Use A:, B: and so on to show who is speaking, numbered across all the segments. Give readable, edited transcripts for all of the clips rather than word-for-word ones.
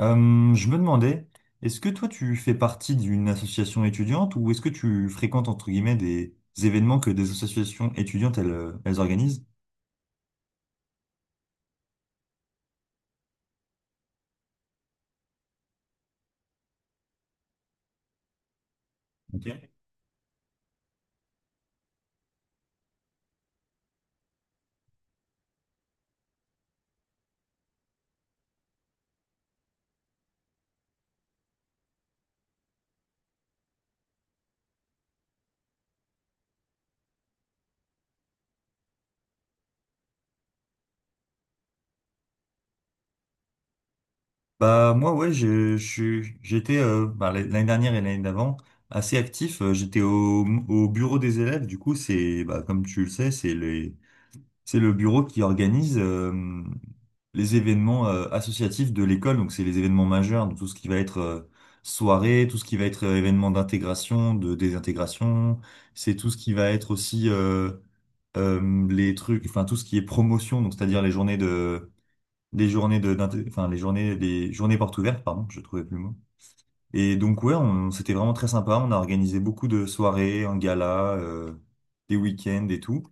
A: Je me demandais, est-ce que toi tu fais partie d'une association étudiante ou est-ce que tu fréquentes entre guillemets des événements que des associations étudiantes elles, elles organisent? Ok. Bah moi ouais, j'étais bah, l'année dernière et l'année d'avant assez actif. J'étais au bureau des élèves. Du coup c'est bah, comme tu le sais, c'est le bureau qui organise les événements associatifs de l'école, donc c'est les événements majeurs, donc tout ce qui va être soirée, tout ce qui va être événement d'intégration, de désintégration, c'est tout ce qui va être aussi les trucs, enfin tout ce qui est promotion, donc c'est-à-dire les journées de, d'inté- enfin les journées portes ouvertes, pardon, je trouvais plus le mot. Et donc ouais, on, c'était vraiment très sympa, on a organisé beaucoup de soirées, un gala, des week-ends et tout.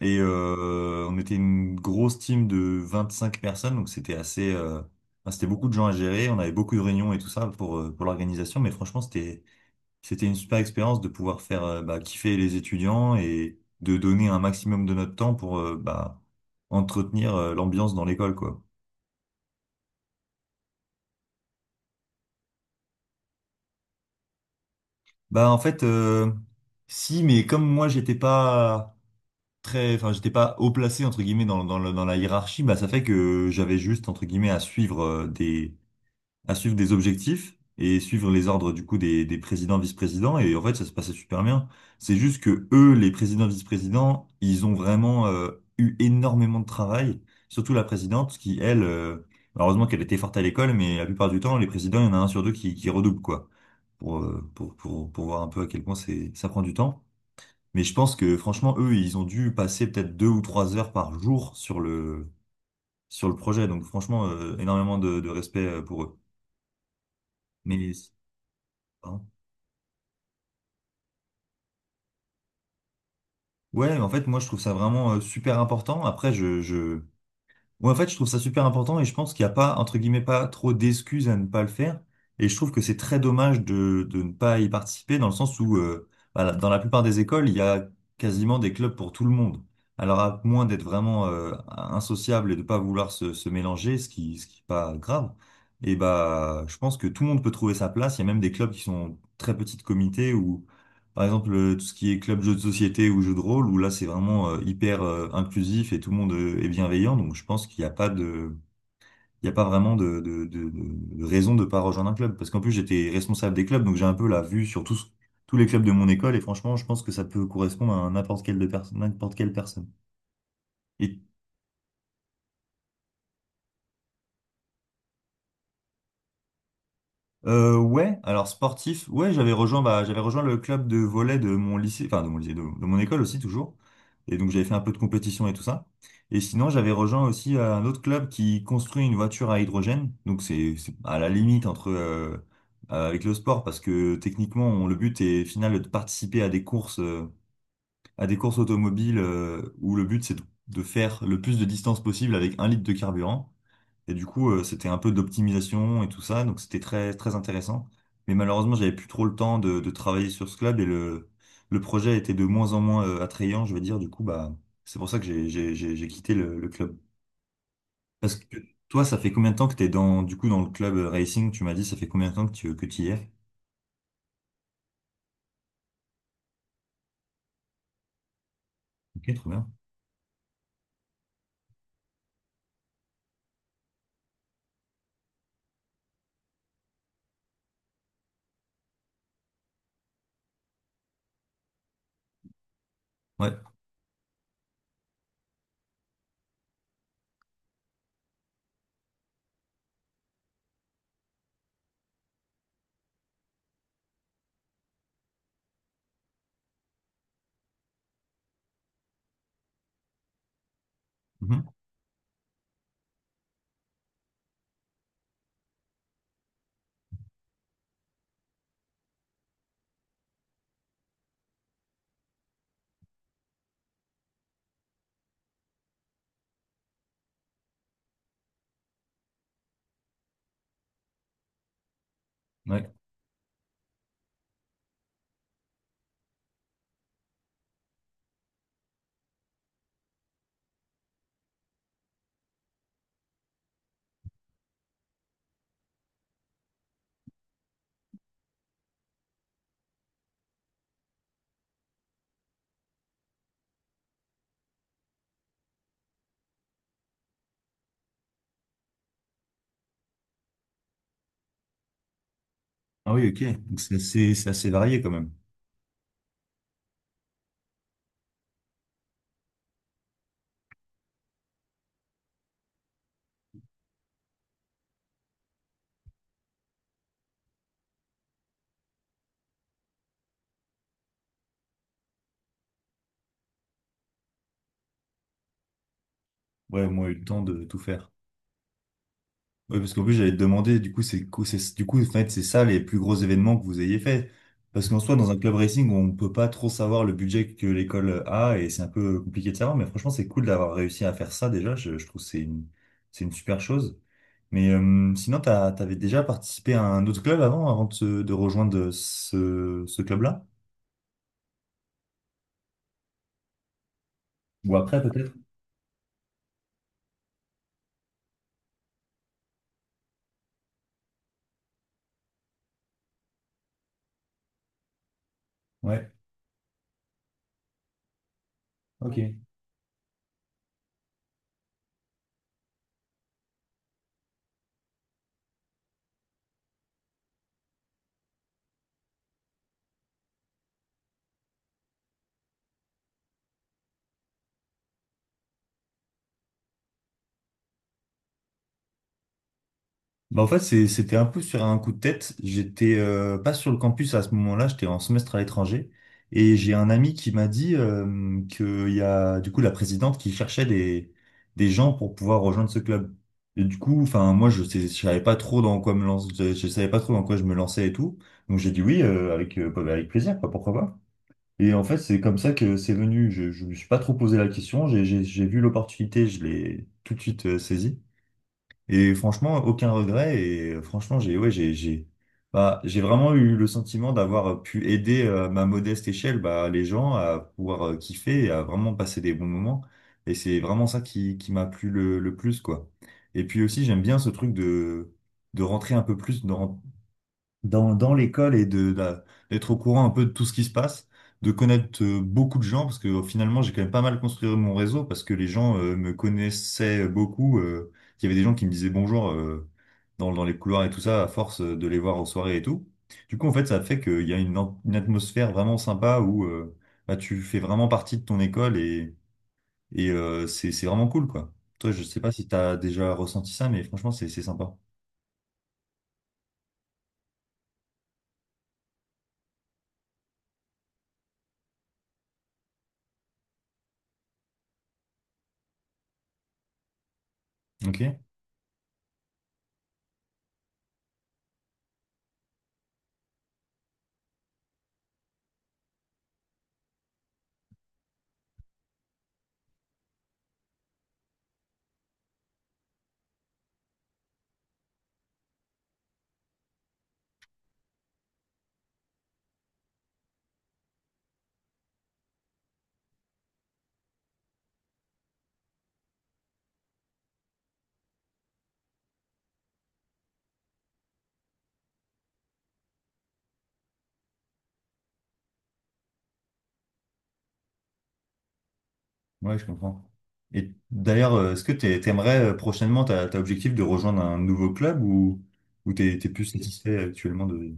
A: Et on était une grosse team de 25 personnes, donc c'était assez, c'était beaucoup de gens à gérer. On avait beaucoup de réunions et tout ça pour l'organisation, mais franchement c'était une super expérience de pouvoir faire bah, kiffer les étudiants et de donner un maximum de notre temps pour bah, entretenir l'ambiance dans l'école quoi. Bah en fait, si, mais comme moi j'étais pas très, enfin j'étais pas haut placé entre guillemets dans la hiérarchie, bah ça fait que j'avais juste entre guillemets à suivre des à suivre des objectifs et suivre les ordres du coup des présidents, vice-présidents. Et en fait, ça se passait super bien. C'est juste que eux, les présidents, vice-présidents, ils ont vraiment eu énormément de travail, surtout la présidente qui, elle, malheureusement qu'elle était forte à l'école, mais la plupart du temps, les présidents, il y en a un sur deux qui redouble, quoi, pour voir un peu à quel point ça prend du temps. Mais je pense que franchement, eux, ils ont dû passer peut-être deux ou trois heures par jour sur sur le projet. Donc franchement, énormément de respect pour eux. Mais, Ouais, mais en fait, moi, je trouve ça vraiment super important. Après, Ouais, en fait, je trouve ça super important et je pense qu'il n'y a pas, entre guillemets, pas trop d'excuses à ne pas le faire. Et je trouve que c'est très dommage de ne pas y participer dans le sens où, voilà, dans la plupart des écoles, il y a quasiment des clubs pour tout le monde. Alors, à moins d'être vraiment insociable et de pas vouloir se mélanger, ce ce qui est pas grave, et bah, je pense que tout le monde peut trouver sa place. Il y a même des clubs qui sont très petits comités ou par exemple, tout ce qui est club jeux de société ou jeux de rôle, où là c'est vraiment hyper inclusif et tout le monde est bienveillant, donc je pense qu'il n'y a pas de, il y a pas vraiment de raison de pas rejoindre un club. Parce qu'en plus j'étais responsable des clubs, donc j'ai un peu la vue sur tous les clubs de mon école, et franchement je pense que ça peut correspondre à n'importe quelle personne. Et ouais, alors sportif, ouais, j'avais rejoint, bah, j'avais rejoint le club de volley de mon lycée, enfin de mon lycée, de mon école aussi toujours. Et donc j'avais fait un peu de compétition et tout ça. Et sinon, j'avais rejoint aussi un autre club qui construit une voiture à hydrogène. Donc c'est à la limite entre avec le sport parce que techniquement, le but est final de participer à des courses automobiles où le but c'est de faire le plus de distance possible avec un litre de carburant. Et du coup, c'était un peu d'optimisation et tout ça, donc c'était très, très intéressant. Mais malheureusement, j'avais plus trop le temps de travailler sur ce club et le projet était de moins en moins attrayant, je veux dire. Du coup, bah, c'est pour ça que j'ai quitté le club. Parce que toi, ça fait combien de temps que t'es dans, du coup, dans le club racing? Tu m'as dit, ça fait combien de temps que tu y es? Ok, trop bien. Ouais. Mhm. Ouais. Ah oui, ok. Donc c'est assez varié quand même. Ouais, au moins eu le temps de tout faire. Oui, parce qu'en plus, j'allais te demander, du coup, du coup, en fait, c'est ça les plus gros événements que vous ayez fait. Parce qu'en soi, dans un club racing, on ne peut pas trop savoir le budget que l'école a et c'est un peu compliqué de savoir. Mais franchement, c'est cool d'avoir réussi à faire ça déjà. Je trouve que c'est une super chose. Mais sinon, t'avais déjà participé à un autre club avant, avant de rejoindre ce club-là? Ou après, peut-être? Ouais. Ok. Bah en fait, c'était un peu sur un coup de tête. J'étais pas sur le campus à ce moment-là, j'étais en semestre à l'étranger. Et j'ai un ami qui m'a dit qu'il y a du coup la présidente qui cherchait des gens pour pouvoir rejoindre ce club. Et du coup, enfin je savais pas trop dans quoi me lancer, je savais pas trop dans quoi je me lançais et tout. Donc j'ai dit oui avec bah, avec plaisir, quoi, pourquoi pas. Et en fait, c'est comme ça que c'est venu. Je me suis pas trop posé la question. J'ai vu l'opportunité, je l'ai tout de suite saisie. Et franchement, aucun regret. Et franchement, j'ai ouais, j'ai bah, j'ai vraiment eu le sentiment d'avoir pu aider à ma modeste échelle bah, les gens à pouvoir kiffer et à vraiment passer des bons moments. Et c'est vraiment ça qui m'a plu le plus, quoi. Et puis aussi, j'aime bien ce truc de rentrer un peu plus dans l'école et d'être au courant un peu de tout ce qui se passe, de connaître beaucoup de gens, parce que finalement, j'ai quand même pas mal construit mon réseau, parce que les gens me connaissaient beaucoup. Il y avait des gens qui me disaient bonjour dans les couloirs et tout ça, à force de les voir aux soirées et tout. Du coup, en fait, ça fait qu'il y a une atmosphère vraiment sympa où bah, tu fais vraiment partie de ton école et c'est vraiment cool, quoi. Toi, je sais pas si t'as déjà ressenti ça, mais franchement, c'est sympa. Ok? Ouais, je comprends. Et d'ailleurs, est-ce que t'aimerais prochainement, t'as objectif de rejoindre un nouveau club ou t'es, t'es plus satisfait actuellement de,